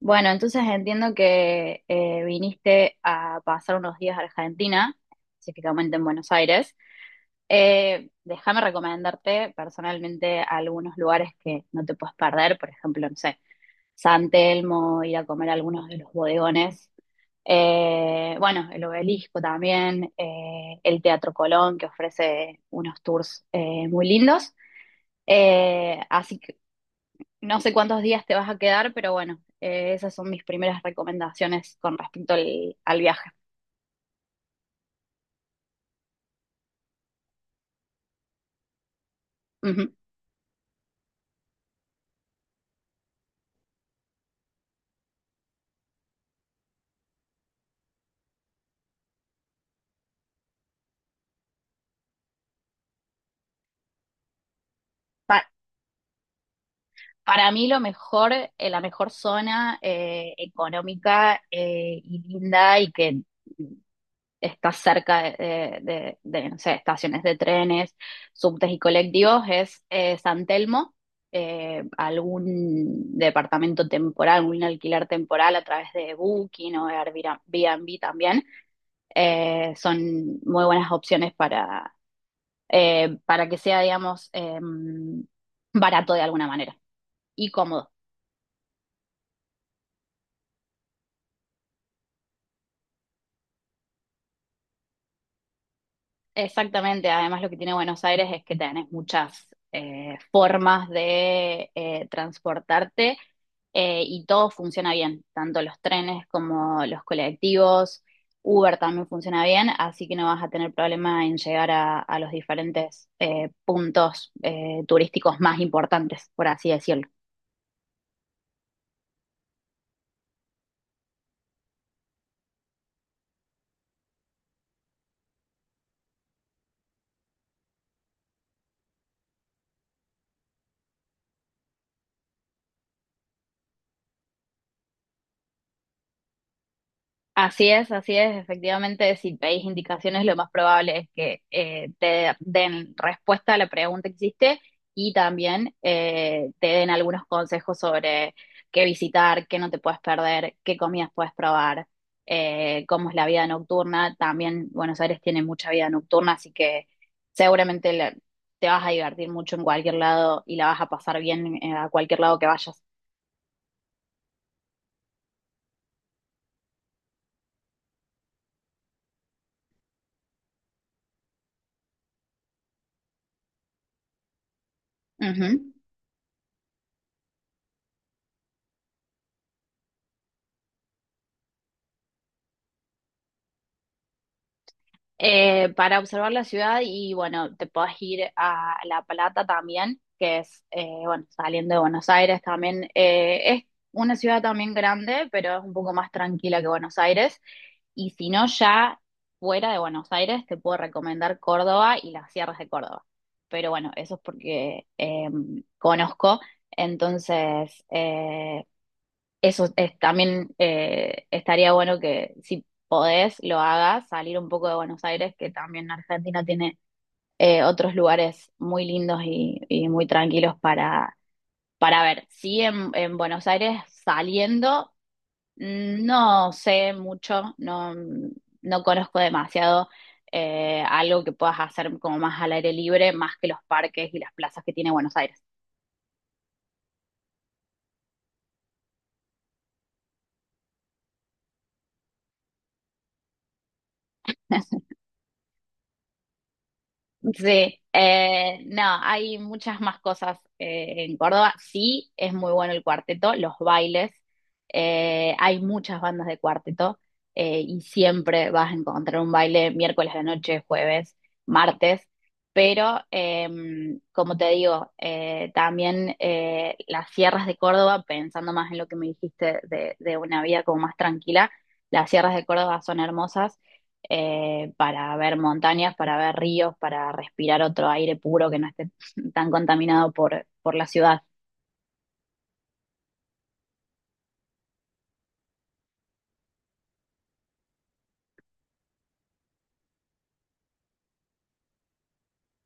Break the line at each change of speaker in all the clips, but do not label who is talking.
Bueno, entonces entiendo que viniste a pasar unos días a Argentina, específicamente en Buenos Aires. Déjame recomendarte personalmente algunos lugares que no te puedes perder, por ejemplo, no sé, San Telmo, ir a comer a algunos de los bodegones. Bueno, el Obelisco también, el Teatro Colón, que ofrece unos tours muy lindos. Así que no sé cuántos días te vas a quedar, pero bueno, esas son mis primeras recomendaciones con respecto al viaje. Ujú. Pa- para mí lo mejor, la mejor zona económica y linda y que está cerca de, no sé, estaciones de trenes, subtes y colectivos es San Telmo, algún departamento temporal, algún alquiler temporal a través de Booking o Airbnb también son muy buenas opciones para que sea, digamos, barato de alguna manera y cómodo. Exactamente, además lo que tiene Buenos Aires es que tenés muchas formas de transportarte y todo funciona bien, tanto los trenes como los colectivos, Uber también funciona bien, así que no vas a tener problema en llegar a los diferentes puntos turísticos más importantes, por así decirlo. Así es, así es. Efectivamente, si veis indicaciones, lo más probable es que te den respuesta a la pregunta que hiciste y también te den algunos consejos sobre qué visitar, qué no te puedes perder, qué comidas puedes probar, cómo es la vida nocturna. También Buenos Aires tiene mucha vida nocturna, así que seguramente te vas a divertir mucho en cualquier lado y la vas a pasar bien a cualquier lado que vayas. Ujú. Para observar la ciudad y bueno, te podés ir a La Plata también, que es, bueno, saliendo de Buenos Aires también. Es una ciudad también grande, pero es un poco más tranquila que Buenos Aires. Y si no, ya fuera de Buenos Aires, te puedo recomendar Córdoba y las sierras de Córdoba. Pero bueno, eso es porque conozco. Entonces, eso es, también estaría bueno que si podés lo hagas, salir un poco de Buenos Aires, que también Argentina tiene otros lugares muy lindos y muy tranquilos para ver. Sí, en Buenos Aires saliendo, no sé mucho, no, no conozco demasiado algo que puedas hacer como más al aire libre, más que los parques y las plazas que tiene Buenos Aires. Sí, no, hay muchas más cosas en Córdoba. Sí, es muy bueno el cuarteto, los bailes. Hay muchas bandas de cuarteto y siempre vas a encontrar un baile miércoles de noche, jueves, martes. Pero, como te digo, también las sierras de Córdoba, pensando más en lo que me dijiste de una vida como más tranquila, las sierras de Córdoba son hermosas para ver montañas, para ver ríos, para respirar otro aire puro que no esté tan contaminado por la ciudad.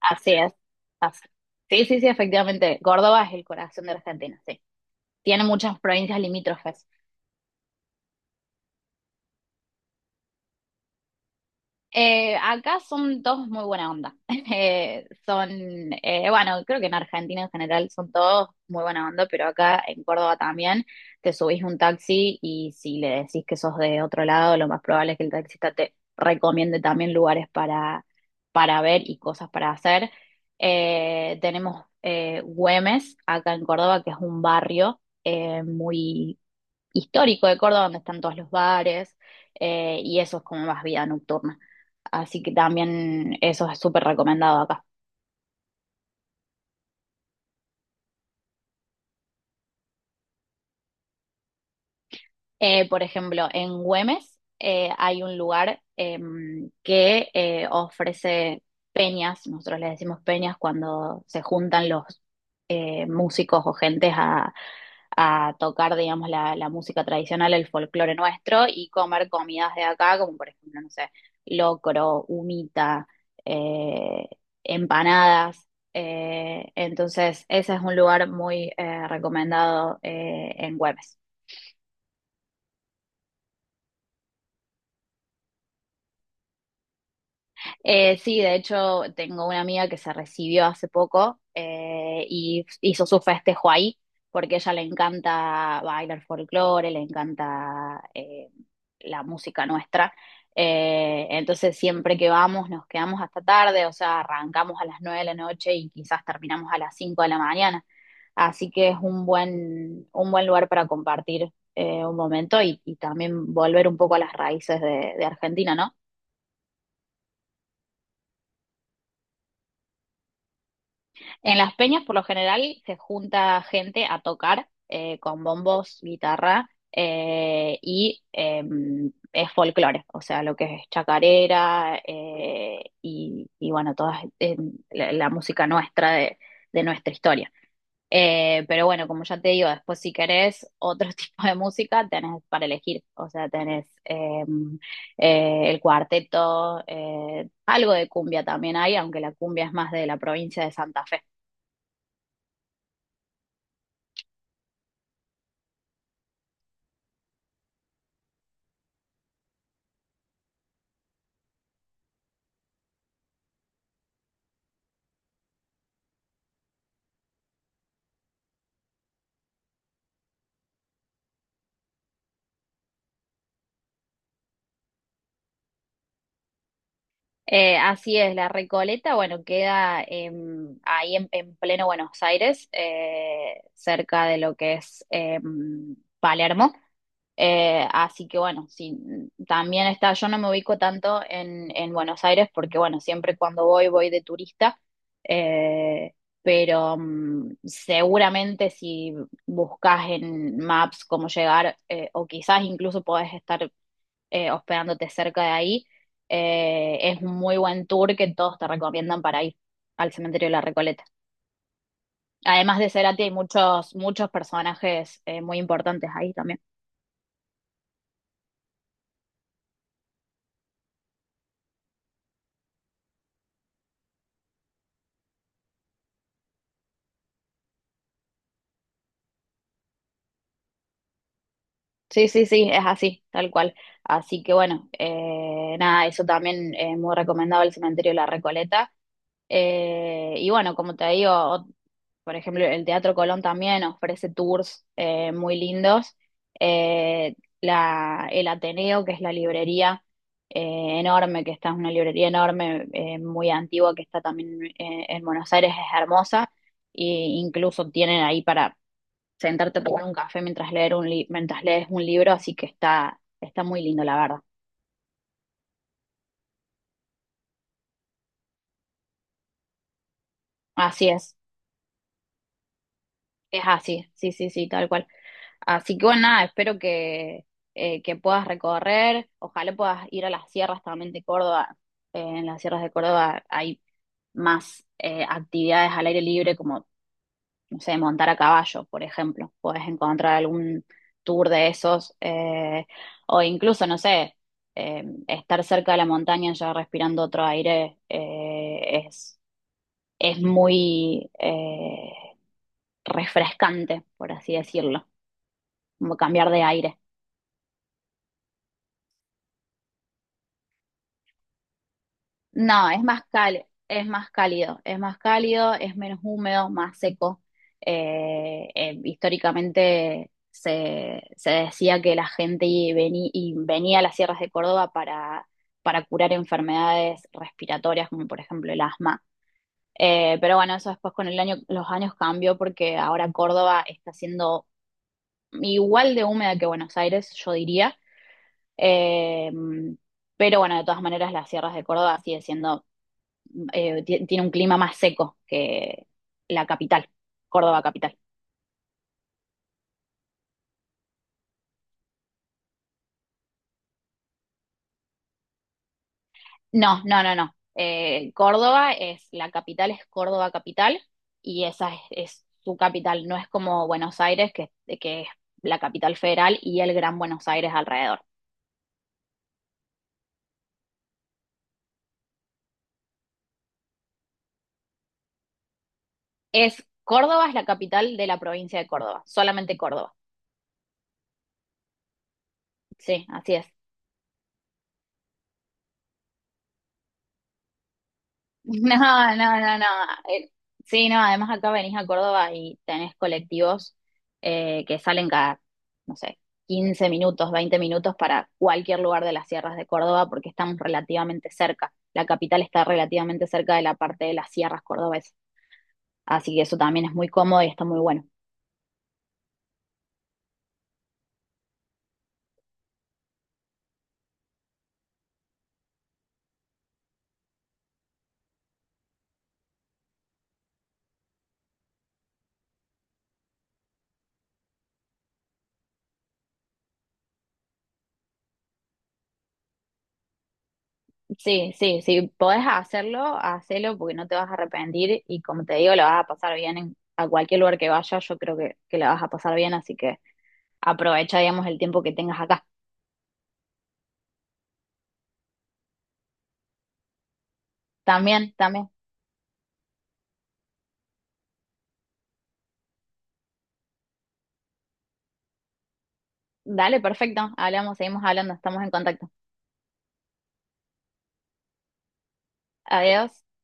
Así es. Así- Sí, sí, sí, efectivamente. Córdoba es el corazón de Argentina, sí. Tiene muchas provincias limítrofes. Acá son todos muy buena onda. Son, bueno, creo que en Argentina en general son todos muy buena onda, pero acá en Córdoba también te subís un taxi y si le decís que sos de otro lado, lo más probable es que el taxista te recomiende también lugares para ver y cosas para hacer. Tenemos Güemes, acá en Córdoba, que es un barrio muy histórico de Córdoba, donde están todos los bares, y eso es como más vida nocturna. Así que también eso es súper recomendado acá. Por ejemplo, en Güemes hay un lugar que ofrece peñas, nosotros le decimos peñas cuando se juntan los músicos o gentes a tocar, digamos, la música tradicional, el folclore nuestro y comer comidas de acá, como por ejemplo, no sé, locro, humita, eh, empanadas. Entonces, ese es un lugar muy recomendado en Güemes. Sí, de hecho, tengo una amiga que se recibió hace poco y hizo su festejo ahí, porque a ella le encanta bailar folclore, le encanta la música nuestra. Entonces, siempre que vamos, nos quedamos hasta tarde, o sea, arrancamos a las 9 de la noche y quizás terminamos a las 5 de la mañana. Así que es un buen lugar para compartir un momento y también volver un poco a las raíces de Argentina, ¿no? En las peñas, por lo general, se junta gente a tocar con bombos, guitarra es folclore, o sea, lo que es chacarera y bueno, toda la música nuestra de nuestra historia. Pero bueno, como ya te digo, después si querés otro tipo de música, tenés para elegir, o sea, tenés el cuarteto, algo de cumbia también hay, aunque la cumbia es más de la provincia de Santa Fe. Así es, la Recoleta, bueno, queda ahí en pleno Buenos Aires, cerca de lo que es Palermo. Así que bueno, sí, también está, yo no me ubico tanto en Buenos Aires porque bueno, siempre cuando voy voy de turista, eh, pero mm, seguramente si buscas en Maps cómo llegar, o quizás incluso podés estar hospedándote cerca de ahí. Es un muy buen tour que todos te recomiendan para ir al cementerio de la Recoleta. Además de Cerati, hay muchos, muchos personajes muy importantes ahí también. Sí, sí, sí, es así, tal cual. Así que bueno, nada, eso también es muy recomendado el cementerio de la Recoleta. Y bueno, como te digo, por ejemplo, el Teatro Colón también ofrece tours muy lindos. El Ateneo, que es la librería enorme, que está, es una librería enorme, muy antigua, que está también en Buenos Aires, es hermosa. E incluso tienen ahí para sentarte a tomar un café mientras mientras lees un libro, así que está, está muy lindo, la verdad. Así es. Es así, sí, sí, sí, tal cual. Así que bueno, nada, espero que puedas recorrer, ojalá puedas ir a las sierras también de Córdoba. En las sierras de Córdoba hay más actividades al aire libre, como, no sé, montar a caballo, por ejemplo. Puedes encontrar algún tour de esos, o incluso, no sé, estar cerca de la montaña ya respirando otro aire es muy refrescante, por así decirlo, como cambiar de aire. No, es más cálido, es menos húmedo, más seco. Históricamente se decía que la gente y venía a las sierras de Córdoba para curar enfermedades respiratorias, como por ejemplo el asma. Pero bueno, eso después con los años cambió porque ahora Córdoba está siendo igual de húmeda que Buenos Aires, yo diría. Eh, pero bueno, de todas maneras, las sierras de Córdoba sigue siendo tiene un clima más seco que la capital, Córdoba capital. No, no, no, no. Córdoba es, la capital es Córdoba capital y esa es su capital, no es como Buenos Aires, que es la capital federal y el Gran Buenos Aires alrededor. Es Córdoba, es la capital de la provincia de Córdoba, solamente Córdoba. Sí, así es. No, no, no, no. Eh, Sí, no, además acá venís a Córdoba y tenés colectivos que salen cada, no sé, 15 minutos, 20 minutos para cualquier lugar de las sierras de Córdoba porque estamos relativamente cerca. La capital está relativamente cerca de la parte de las sierras cordobesas. Así que eso también es muy cómodo y está muy bueno. Sí, sí, sí, podés hacerlo, hacelo porque no te vas a arrepentir y como te digo, la vas a pasar bien en, a cualquier lugar que vayas, yo creo que la vas a pasar bien, así que... aprovecha, digamos, el tiempo que tengas acá. También, también. Dale, perfecto. Hablamos, seguimos hablando, estamos en contacto. Adiós.